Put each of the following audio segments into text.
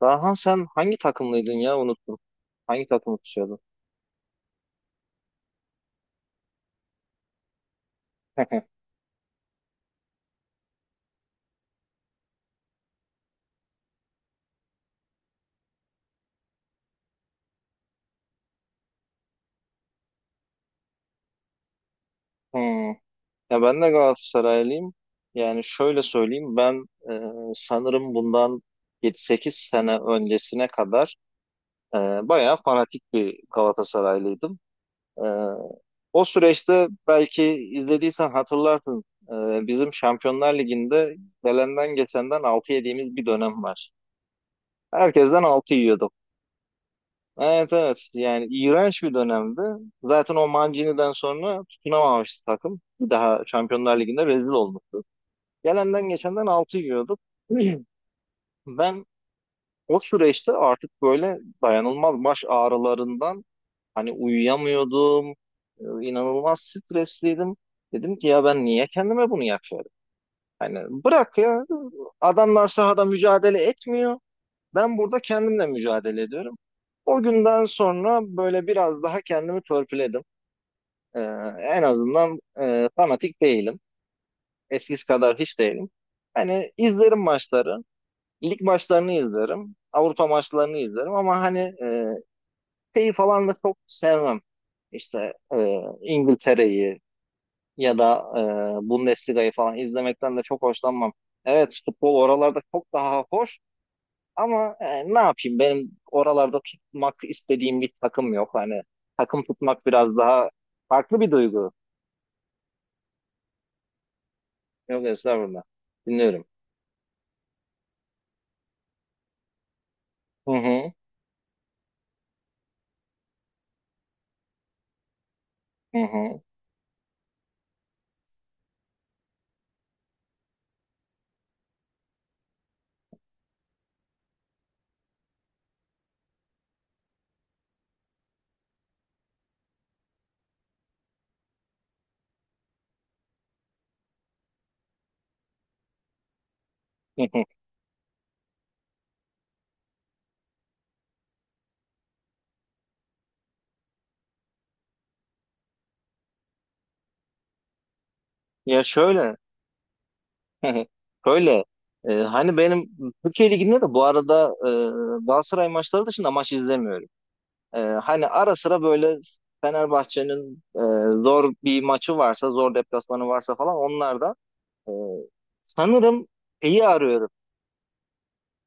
Daha sen hangi takımlıydın ya unuttum. Hangi takımı tutuyordun? Hmm. Ya ben de Galatasaraylıyım. Yani şöyle söyleyeyim ben sanırım bundan 7-8 sene öncesine kadar e, bayağı fanatik bir Galatasaraylıydım. E, o süreçte belki izlediysen hatırlarsın bizim Şampiyonlar Ligi'nde gelenden geçenden 6 yediğimiz bir dönem var. Herkesten 6 yiyorduk. Evet, evet, yani iğrenç bir dönemdi. Zaten o Mancini'den sonra tutunamamıştı takım. Bir daha Şampiyonlar Ligi'nde rezil olmuştu. Gelenden geçenden 6 yiyorduk. Ben o süreçte artık böyle dayanılmaz baş ağrılarından hani uyuyamıyordum. İnanılmaz stresliydim. Dedim ki ya ben niye kendime bunu yapıyorum? Hani bırak ya, adamlar sahada mücadele etmiyor. Ben burada kendimle mücadele ediyorum. O günden sonra böyle biraz daha kendimi törpüledim. Ee, en azından fanatik değilim. Eskisi kadar hiç değilim. Hani izlerim maçları. Lig maçlarını izlerim, Avrupa maçlarını izlerim, ama hani şeyi falan da çok sevmem. İşte İngiltere'yi ya da Bundesliga'yı falan izlemekten de çok hoşlanmam. Evet, futbol oralarda çok daha hoş. Ama ne yapayım, benim oralarda tutmak istediğim bir takım yok. Hani takım tutmak biraz daha farklı bir duygu. Yok, estağfurullah. Dinliyorum. Hı hı, hı hı, hı hı. Ya şöyle, şöyle hani benim Türkiye Ligi'nde de bu arada Galatasaray maçları dışında maç izlemiyorum. Hani ara sıra böyle Fenerbahçe'nin zor bir maçı varsa, zor deplasmanı varsa falan onlar da e, sanırım şeyi arıyorum.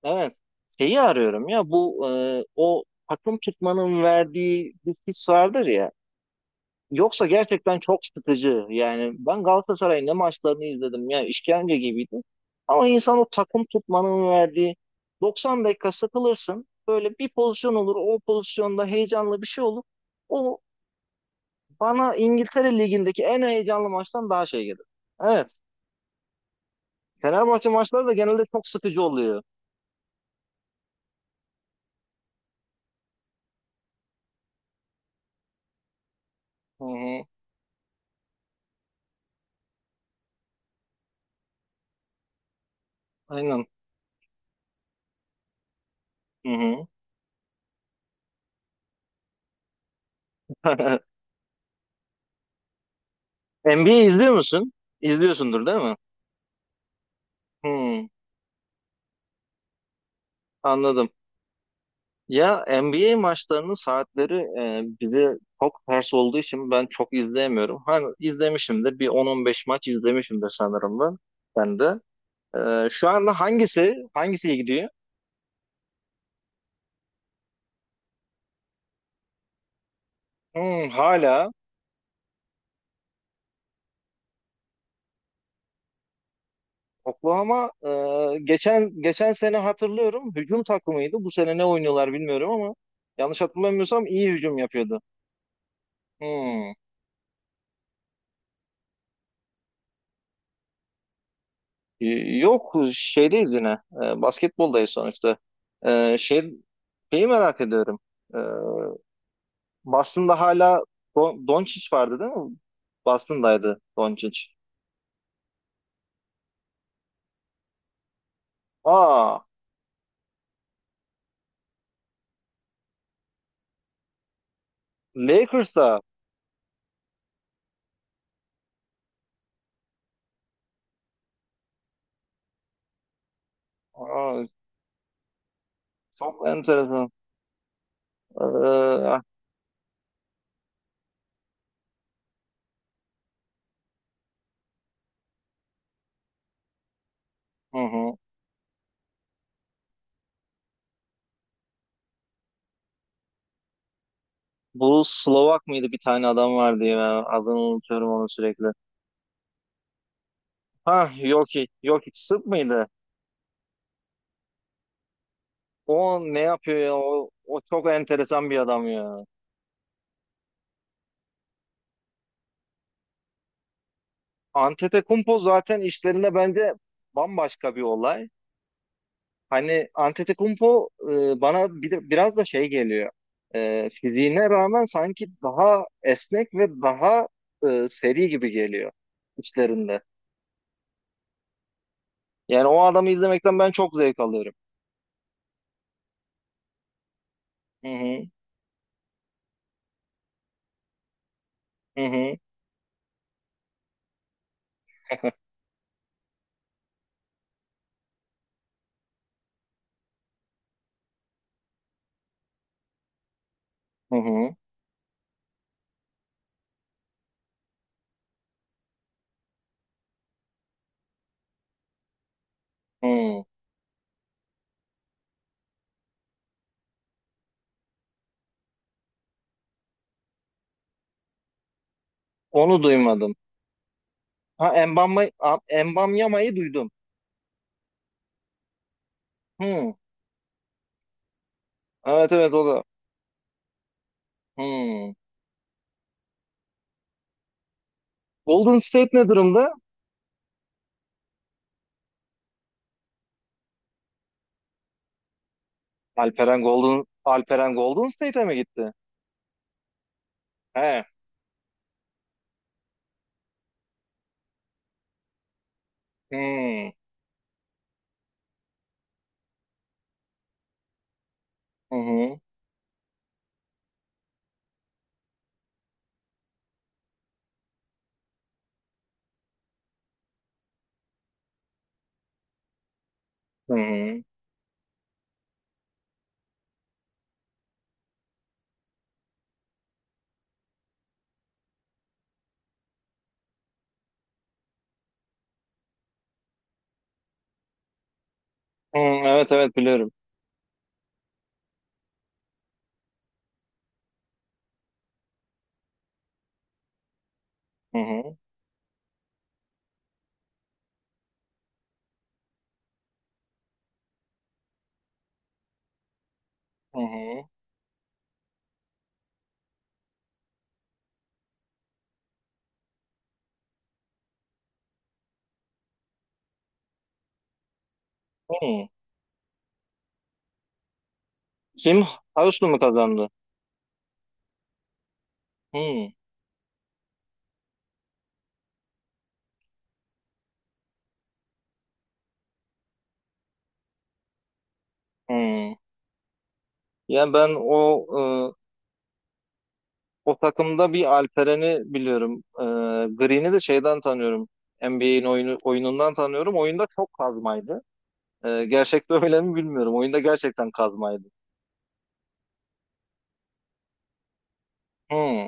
Evet. Şeyi arıyorum ya, bu o takım tutmanın verdiği bir his vardır ya. Yoksa gerçekten çok sıkıcı. Yani ben Galatasaray'ın ne maçlarını izledim, ya işkence gibiydi. Ama insan o takım tutmanın verdiği, 90 dakika sıkılırsın, böyle bir pozisyon olur, o pozisyonda heyecanlı bir şey olur. O bana İngiltere Ligi'ndeki en heyecanlı maçtan daha şey gelir. Evet. Fenerbahçe maçları da genelde çok sıkıcı oluyor. Hı hı. Aynen. Hı hı. NBA izliyor musun? İzliyorsundur değil mi? Hmm, anladım. Ya NBA maçlarının saatleri bize çok ters olduğu için ben çok izleyemiyorum. Hani izlemişimdir. Bir 10-15 maç izlemişimdir sanırım da. Ben de. Şu anda hangisi gidiyor? Hmm, hala Oklahoma. Geçen sene hatırlıyorum, hücum takımıydı. Bu sene ne oynuyorlar bilmiyorum ama yanlış hatırlamıyorsam iyi hücum yapıyordu. Hmm. Yok şeydeyiz yine. Basketboldayız sonuçta. E, şey, şeyi merak ediyorum. E, Boston'da hala Doncic vardı değil mi? Boston'daydı Doncic. Aa, Lakers'ta. Aa, çok enteresan. E, hı hı. Bu Slovak mıydı, bir tane adam vardı ya. Adını unutuyorum onu sürekli. Ha, Jokic. Jokic Sırp mıydı? O ne yapıyor ya? O çok enteresan bir adam ya. Antetokounmpo zaten işlerinde bence bambaşka bir olay. Hani Antetokounmpo bana bir de, biraz da şey geliyor. Fiziğine rağmen sanki daha esnek ve daha seri gibi geliyor işlerinde. Yani o adamı izlemekten ben çok zevk alıyorum. Hı hı, hı hı, hı hı. Hı. Onu duymadım. Embamyama'yı duydum. Hı. Evet, evet, o da. Hı. Golden State ne durumda? Alperen Golden State'e mi gitti? He. Hmm. Hı hı. Hı hı. Hı, evet, evet, biliyorum. Hı hı. Hı hı. Hı. Kim? Houston mu kazandı? Hı. Hı. Yani ben o o takımda bir Alperen'i biliyorum. Green'i de şeyden tanıyorum. NBA'in oyunundan tanıyorum. Oyunda çok kazmaydı. Gerçekte öyle mi bilmiyorum. Oyunda gerçekten kazmaydı. Hı.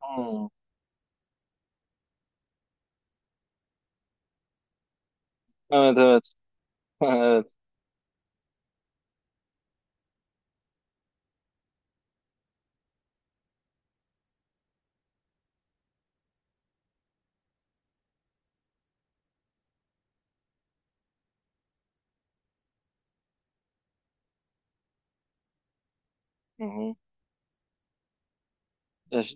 Hı. Evet, evet. Evet. Hı hı. Yaş-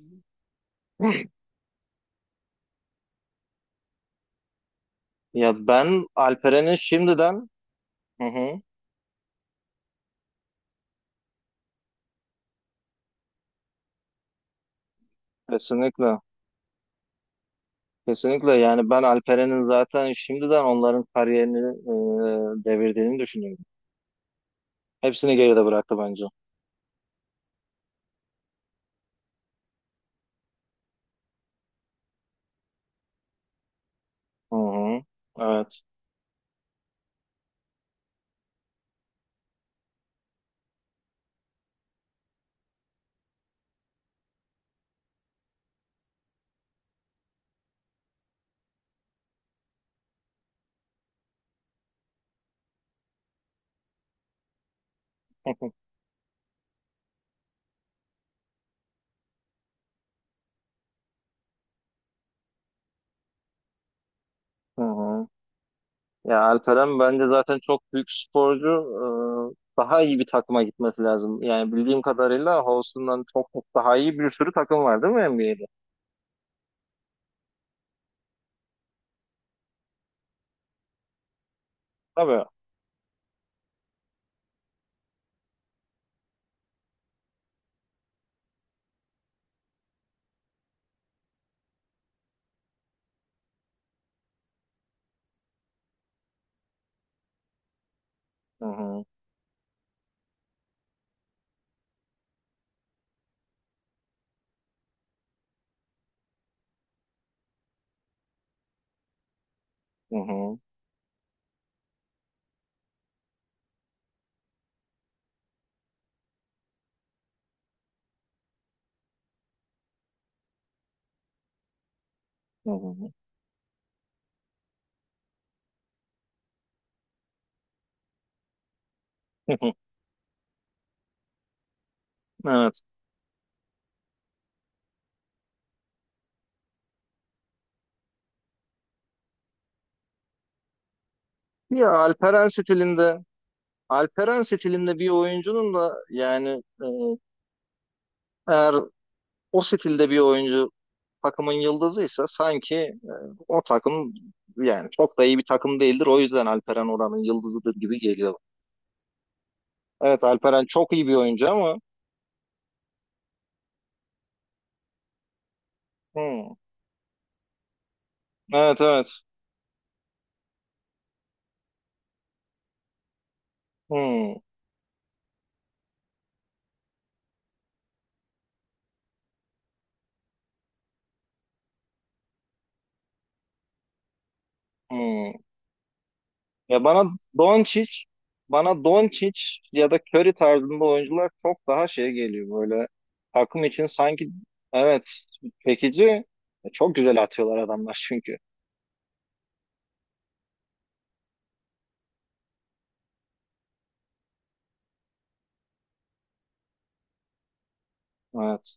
ya ben Alperen'in şimdiden, hı hı, kesinlikle, kesinlikle yani ben Alperen'in zaten şimdiden onların kariyerini devirdiğini düşünüyorum. Hepsini geride bıraktı bence. Hı hı. Evet. Hı hı. Ya Alperen bence zaten çok büyük sporcu. Daha iyi bir takıma gitmesi lazım. Yani bildiğim kadarıyla Houston'dan çok çok daha iyi bir sürü takım var değil mi NBA'de? Tabii. Hı hı. Hı hı. Hı hı. Evet. Ya Alperen stilinde bir oyuncunun da yani eğer o stilde bir oyuncu takımın yıldızıysa, sanki o takım yani çok da iyi bir takım değildir. O yüzden Alperen oranın yıldızıdır gibi geliyor. Evet, Alperen çok iyi bir oyuncu ama hmm, evet, evet, hmm, hmm. Ya Doncic bana Doncic ya da Curry tarzında oyuncular çok daha şey geliyor, böyle takım için sanki, evet, çekici, çok güzel atıyorlar adamlar çünkü. Evet.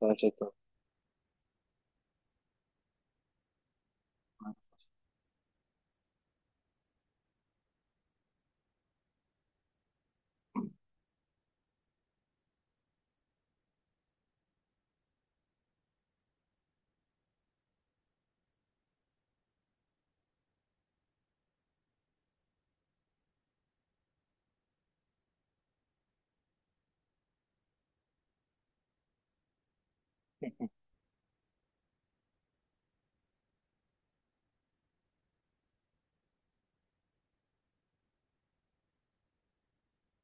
Gerçekten.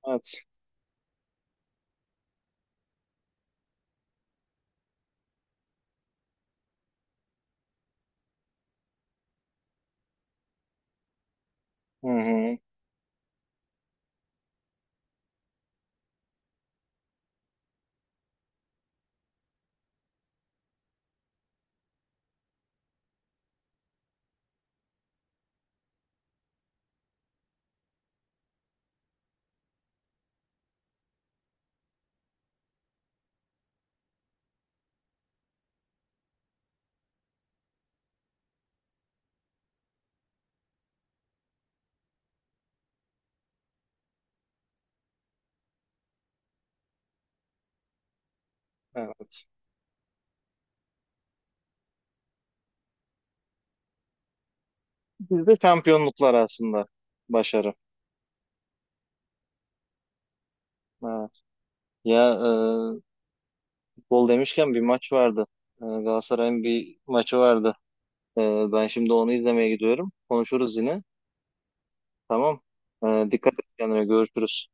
Evet. Hı hı. Evet. Bizde şampiyonluklar aslında. Başarı. Evet. Ya, gol demişken bir maç vardı. Galatasaray'ın bir maçı vardı. E, ben şimdi onu izlemeye gidiyorum. Konuşuruz yine. Tamam. Dikkat et kendine. Görüşürüz.